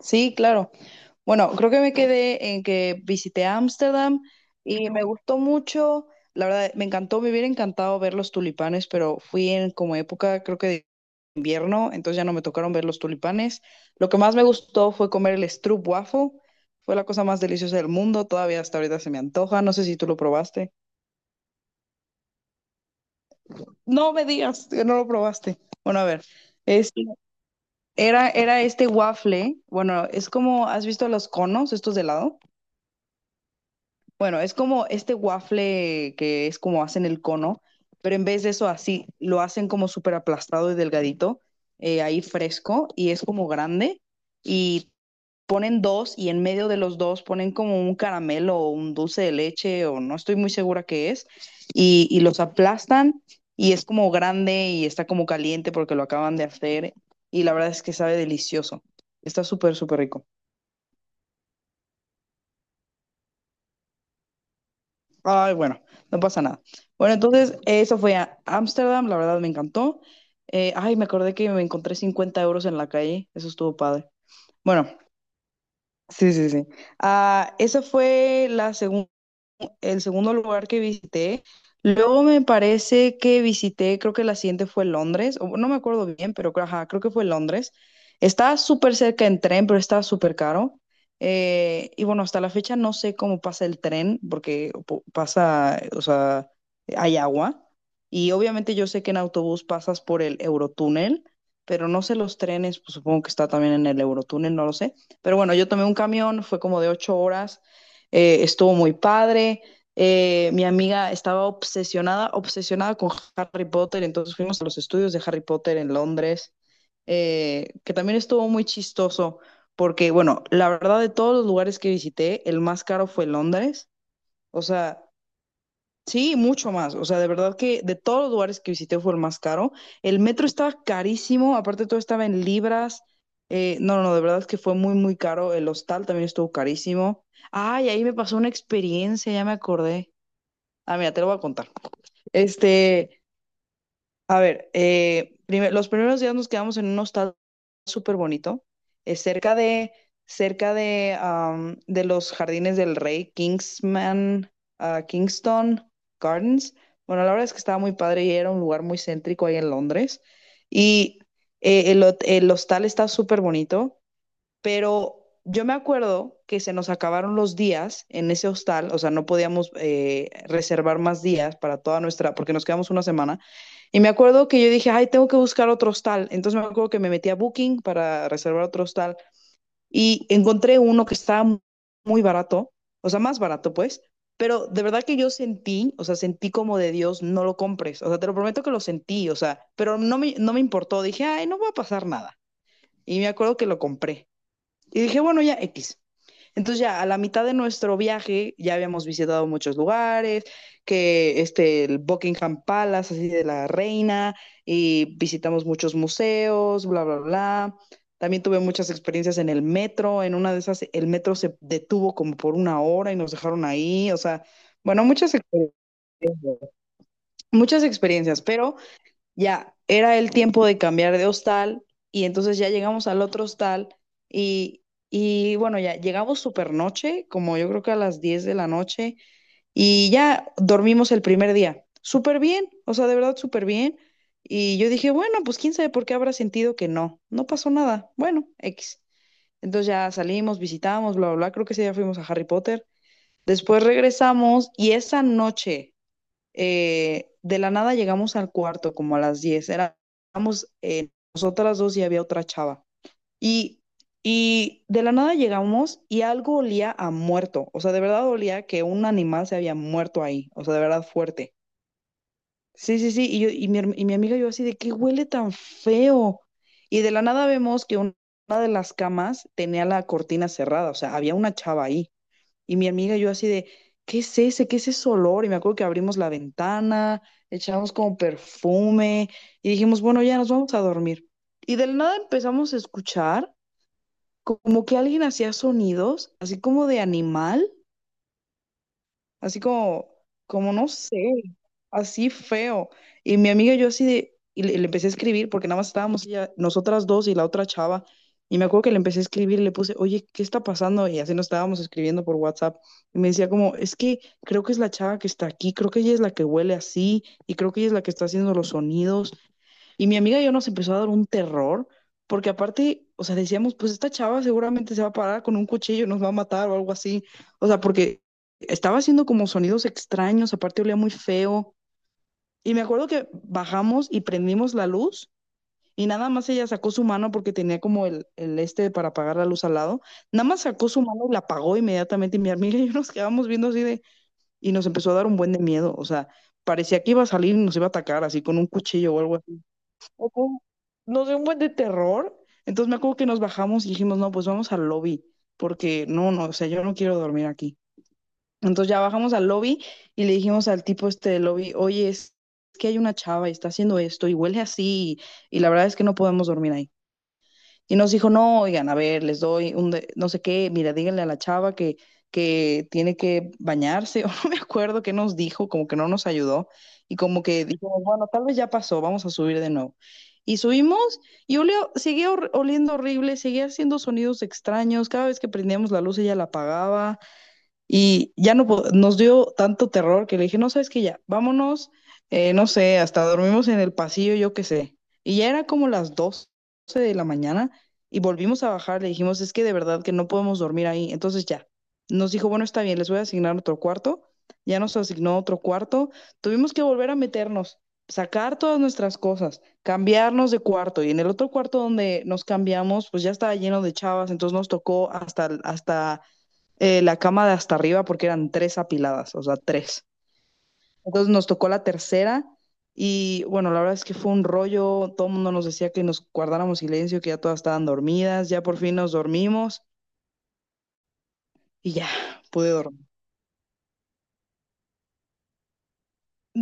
Sí, claro. Bueno, creo que me quedé en que visité Ámsterdam y me gustó mucho. La verdad, me encantó, me hubiera encantado ver los tulipanes, pero fui en como época, creo que de invierno, entonces ya no me tocaron ver los tulipanes. Lo que más me gustó fue comer el stroopwafel. Fue la cosa más deliciosa del mundo. Todavía hasta ahorita se me antoja. No sé si tú lo probaste. No me digas que no lo probaste. Bueno, a ver. Este, era este waffle. Bueno, es como, ¿has visto los conos, estos de helado? Bueno, es como este waffle que es como hacen el cono, pero en vez de eso así, lo hacen como súper aplastado y delgadito, ahí fresco, y es como grande, y ponen dos, y en medio de los dos ponen como un caramelo o un dulce de leche, o no estoy muy segura qué es, y los aplastan, y es como grande y está como caliente porque lo acaban de hacer, y la verdad es que sabe delicioso, está súper, súper rico. Ay, bueno, no pasa nada. Bueno, entonces eso fue a Ámsterdam, la verdad me encantó. Ay, me acordé que me encontré 50 euros en la calle, eso estuvo padre. Bueno, sí, sí, sí. Ah, esa fue la segunda el segundo lugar que visité. Luego me parece que visité, creo que la siguiente fue Londres, o no me acuerdo bien, pero ajá, creo que fue Londres. Estaba súper cerca en tren, pero estaba súper caro. Y bueno, hasta la fecha no sé cómo pasa el tren, porque pasa, o sea, hay agua. Y obviamente yo sé que en autobús pasas por el Eurotúnel, pero no sé los trenes, pues supongo que está también en el Eurotúnel, no lo sé. Pero bueno, yo tomé un camión, fue como de 8 horas, estuvo muy padre. Mi amiga estaba obsesionada, obsesionada con Harry Potter, entonces fuimos a los estudios de Harry Potter en Londres, que también estuvo muy chistoso, porque bueno, la verdad de todos los lugares que visité, el más caro fue Londres, o sea, sí, mucho más. O sea, de verdad que de todos los lugares que visité fue el más caro. El metro estaba carísimo, aparte todo estaba en libras. No, no, no, de verdad que fue muy, muy caro. El hostal también estuvo carísimo. Ay, ahí me pasó una experiencia, ya me acordé. Ah, mira, te lo voy a contar. Este, a ver, los primeros días nos quedamos en un hostal súper bonito, eh, cerca de, cerca de, de los jardines del rey, Kingsman, ah, Kingston Gardens. Bueno, la verdad es que estaba muy padre y era un lugar muy céntrico ahí en Londres. Y el hostal está súper bonito, pero yo me acuerdo que se nos acabaron los días en ese hostal, o sea, no podíamos reservar más días para toda nuestra, porque nos quedamos una semana. Y me acuerdo que yo dije, ay, tengo que buscar otro hostal. Entonces me acuerdo que me metí a Booking para reservar otro hostal y encontré uno que estaba muy barato, o sea, más barato pues, pero de verdad que yo sentí, o sea, sentí como de Dios, no lo compres, o sea, te lo prometo que lo sentí, o sea, pero no me importó, dije, ay, no va a pasar nada. Y me acuerdo que lo compré. Y dije, bueno, ya X. Entonces ya a la mitad de nuestro viaje ya habíamos visitado muchos lugares, que este, el Buckingham Palace, así de la reina, y visitamos muchos museos, bla, bla, bla. También tuve muchas experiencias en el metro, en una de esas el metro se detuvo como por una hora y nos dejaron ahí, o sea, bueno, muchas experiencias, pero ya, era el tiempo de cambiar de hostal y entonces ya llegamos al otro hostal y, y bueno, ya llegamos super noche, como yo creo que a las 10 de la noche y ya dormimos el primer día. Súper bien, o sea, de verdad súper bien. Y yo dije, bueno, pues quién sabe por qué habrá sentido que no, no pasó nada. Bueno, X. Entonces ya salimos, visitamos, bla, bla, bla, creo que ese día fuimos a Harry Potter. Después regresamos y esa noche, de la nada llegamos al cuarto como a las 10. Éramos nosotras dos y había otra chava. Y, y de la nada llegamos y algo olía a muerto. O sea, de verdad olía que un animal se había muerto ahí. O sea, de verdad fuerte. Sí, sí, sí. Y, yo, y, mi, herm- y mi amiga y yo así de qué huele tan feo. Y de la nada vemos que una de las camas tenía la cortina cerrada. O sea, había una chava ahí. Y mi amiga y yo así de, ¿qué es ese? ¿Qué es ese olor? Y me acuerdo que abrimos la ventana, echamos como perfume y dijimos, bueno, ya nos vamos a dormir. Y del nada empezamos a escuchar como que alguien hacía sonidos, así como de animal, así como, como no sé, así feo. Y mi amiga y yo así de, y le empecé a escribir porque nada más estábamos nosotras dos y la otra chava. Y me acuerdo que le empecé a escribir y le puse, oye, ¿qué está pasando? Y así nos estábamos escribiendo por WhatsApp. Y me decía como, es que creo que es la chava que está aquí, creo que ella es la que huele así y creo que ella es la que está haciendo los sonidos y mi amiga y yo nos empezó a dar un terror, porque aparte, o sea, decíamos, pues esta chava seguramente se va a parar con un cuchillo, nos va a matar o algo así. O sea, porque estaba haciendo como sonidos extraños, aparte olía muy feo. Y me acuerdo que bajamos y prendimos la luz y nada más ella sacó su mano porque tenía como el este para apagar la luz al lado. Nada más sacó su mano y la apagó inmediatamente y mi amiga y yo nos quedamos viendo así de... Y nos empezó a dar un buen de miedo, o sea, parecía que iba a salir y nos iba a atacar así con un cuchillo o algo o con- nos dio un buen de terror. Entonces me acuerdo que nos bajamos y dijimos, no, pues vamos al lobby, porque no, no, o sea, yo no quiero dormir aquí. Entonces ya bajamos al lobby y le dijimos al tipo este del lobby, oye, es que hay una chava y está haciendo esto y huele así y la verdad es que no podemos dormir ahí y nos dijo, no, oigan, a ver, les doy no sé qué, mira, díganle a la chava que tiene que bañarse, o no me acuerdo qué nos dijo, como que no nos ayudó, y como que dijimos, bueno, tal vez ya pasó, vamos a subir de nuevo. Y subimos y olió, oliendo horrible, seguía haciendo sonidos extraños, cada vez que prendíamos la luz ella la apagaba. Y ya no po- nos dio tanto terror que le dije, no sabes que ya, vámonos, no sé, hasta dormimos en el pasillo, yo qué sé. Y ya era como las 12 de la mañana y volvimos a bajar, le dijimos, es que de verdad que no podemos dormir ahí. Entonces ya, nos dijo, bueno, está bien, les voy a asignar otro cuarto. Ya nos asignó otro cuarto. Tuvimos que volver a meternos, sacar todas nuestras cosas, cambiarnos de cuarto. Y en el otro cuarto donde nos cambiamos, pues ya estaba lleno de chavas, entonces nos tocó hasta la cama de hasta arriba porque eran tres apiladas, o sea, tres. Entonces nos tocó la tercera y bueno, la verdad es que fue un rollo, todo el mundo nos decía que nos guardáramos silencio, que ya todas estaban dormidas, ya por fin nos dormimos y ya pude dormir.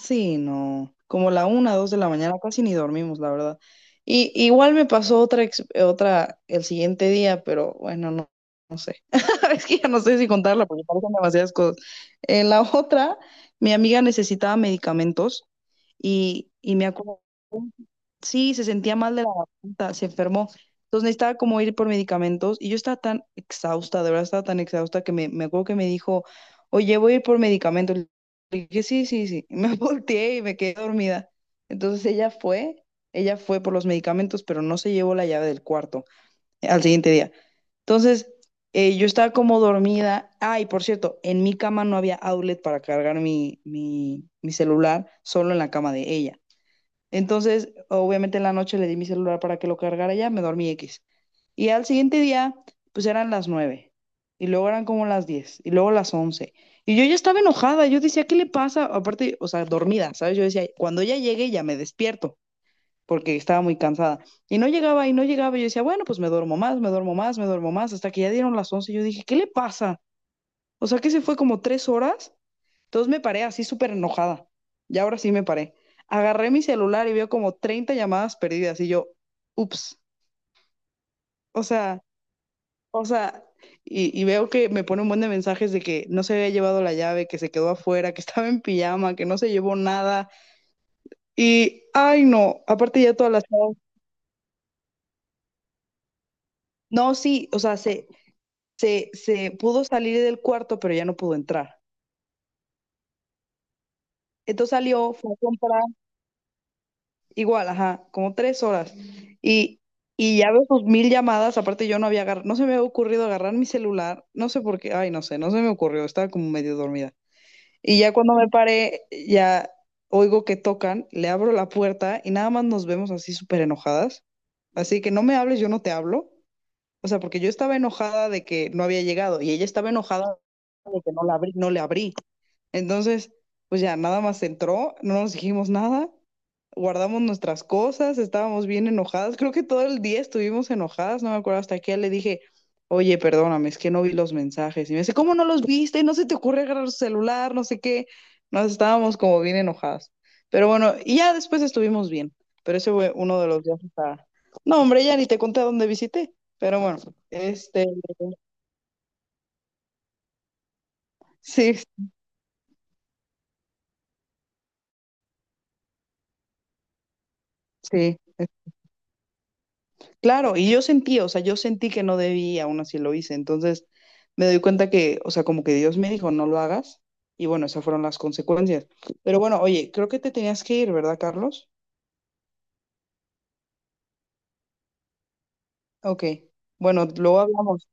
Sí, no, como la 1, 2 de la mañana casi ni dormimos, la verdad. Y igual me pasó otra el siguiente día, pero bueno, no, no sé. Es que ya no sé si contarla porque parecen demasiadas cosas. En la otra, mi amiga necesitaba medicamentos y me acuerdo sí, se sentía mal de la garganta, se enfermó. Entonces necesitaba como ir por medicamentos y yo estaba tan exhausta, de verdad estaba tan exhausta que me acuerdo que me dijo, oye, voy a ir por medicamentos. Le dije, sí, sí, sí. Y me volteé y me quedé dormida. Entonces ella fue por los medicamentos, pero no se llevó la llave del cuarto, al siguiente día. Entonces yo estaba como dormida. Ah, y por cierto, en mi cama no había outlet para cargar mi celular, solo en la cama de ella. Entonces, obviamente en la noche le di mi celular para que lo cargara ya, me dormí X. Y al siguiente día, pues eran las 9. Y luego eran como las 10. Y luego las 11. Y yo ya estaba enojada. Yo decía, ¿qué le pasa? Aparte, o sea, dormida, ¿sabes? Yo decía, cuando ya llegue, ya me despierto. Porque estaba muy cansada. Y no llegaba y no llegaba. Y yo decía, bueno, pues me duermo más, me duermo más, me duermo más. Hasta que ya dieron las 11. Y yo dije, ¿qué le pasa? O sea, que se fue como 3 horas, entonces me paré así súper enojada. Y ahora sí me paré. Agarré mi celular y veo como 30 llamadas perdidas y yo, ups, o sea, o sea, y veo que me pone un buen de mensajes de que no se había llevado la llave, que se quedó afuera, que estaba en pijama, que no se llevó nada. Y, ay, no, aparte ya todas las... No, sí, o sea, se pudo salir del cuarto, pero ya no pudo entrar. Entonces salió, fue a comprar. Igual, ajá, como 3 horas. Y, y ya veo sus mil llamadas, aparte yo no había agarrado, no se me había ocurrido agarrar mi celular, no sé por qué, ay, no sé, no se me ocurrió, estaba como medio dormida. Y ya cuando me paré, ya oigo que tocan, le abro la puerta y nada más nos vemos así súper enojadas. Así que no me hables, yo no te hablo. O sea, porque yo estaba enojada de que no había llegado y ella estaba enojada de que no le abrí. Entonces, pues ya nada más entró, no nos dijimos nada, guardamos nuestras cosas, estábamos bien enojadas, creo que todo el día estuvimos enojadas, no me acuerdo hasta qué le dije, oye, perdóname, es que no vi los mensajes. Y me dice, ¿cómo no los viste? No se te ocurre agarrar tu celular, no sé qué. Nos estábamos como bien enojadas. Pero bueno, y ya después estuvimos bien, pero ese fue uno de los viajes a... No, hombre, ya ni te conté a dónde visité, pero bueno, este, sí, sí, claro, y yo sentí, o sea, yo sentí que no debía, aún así lo hice. Entonces me doy cuenta que, o sea, como que Dios me dijo, no lo hagas. Y bueno, esas fueron las consecuencias. Pero bueno, oye, creo que te tenías que ir, ¿verdad, Carlos? Ok. Bueno, luego hablamos.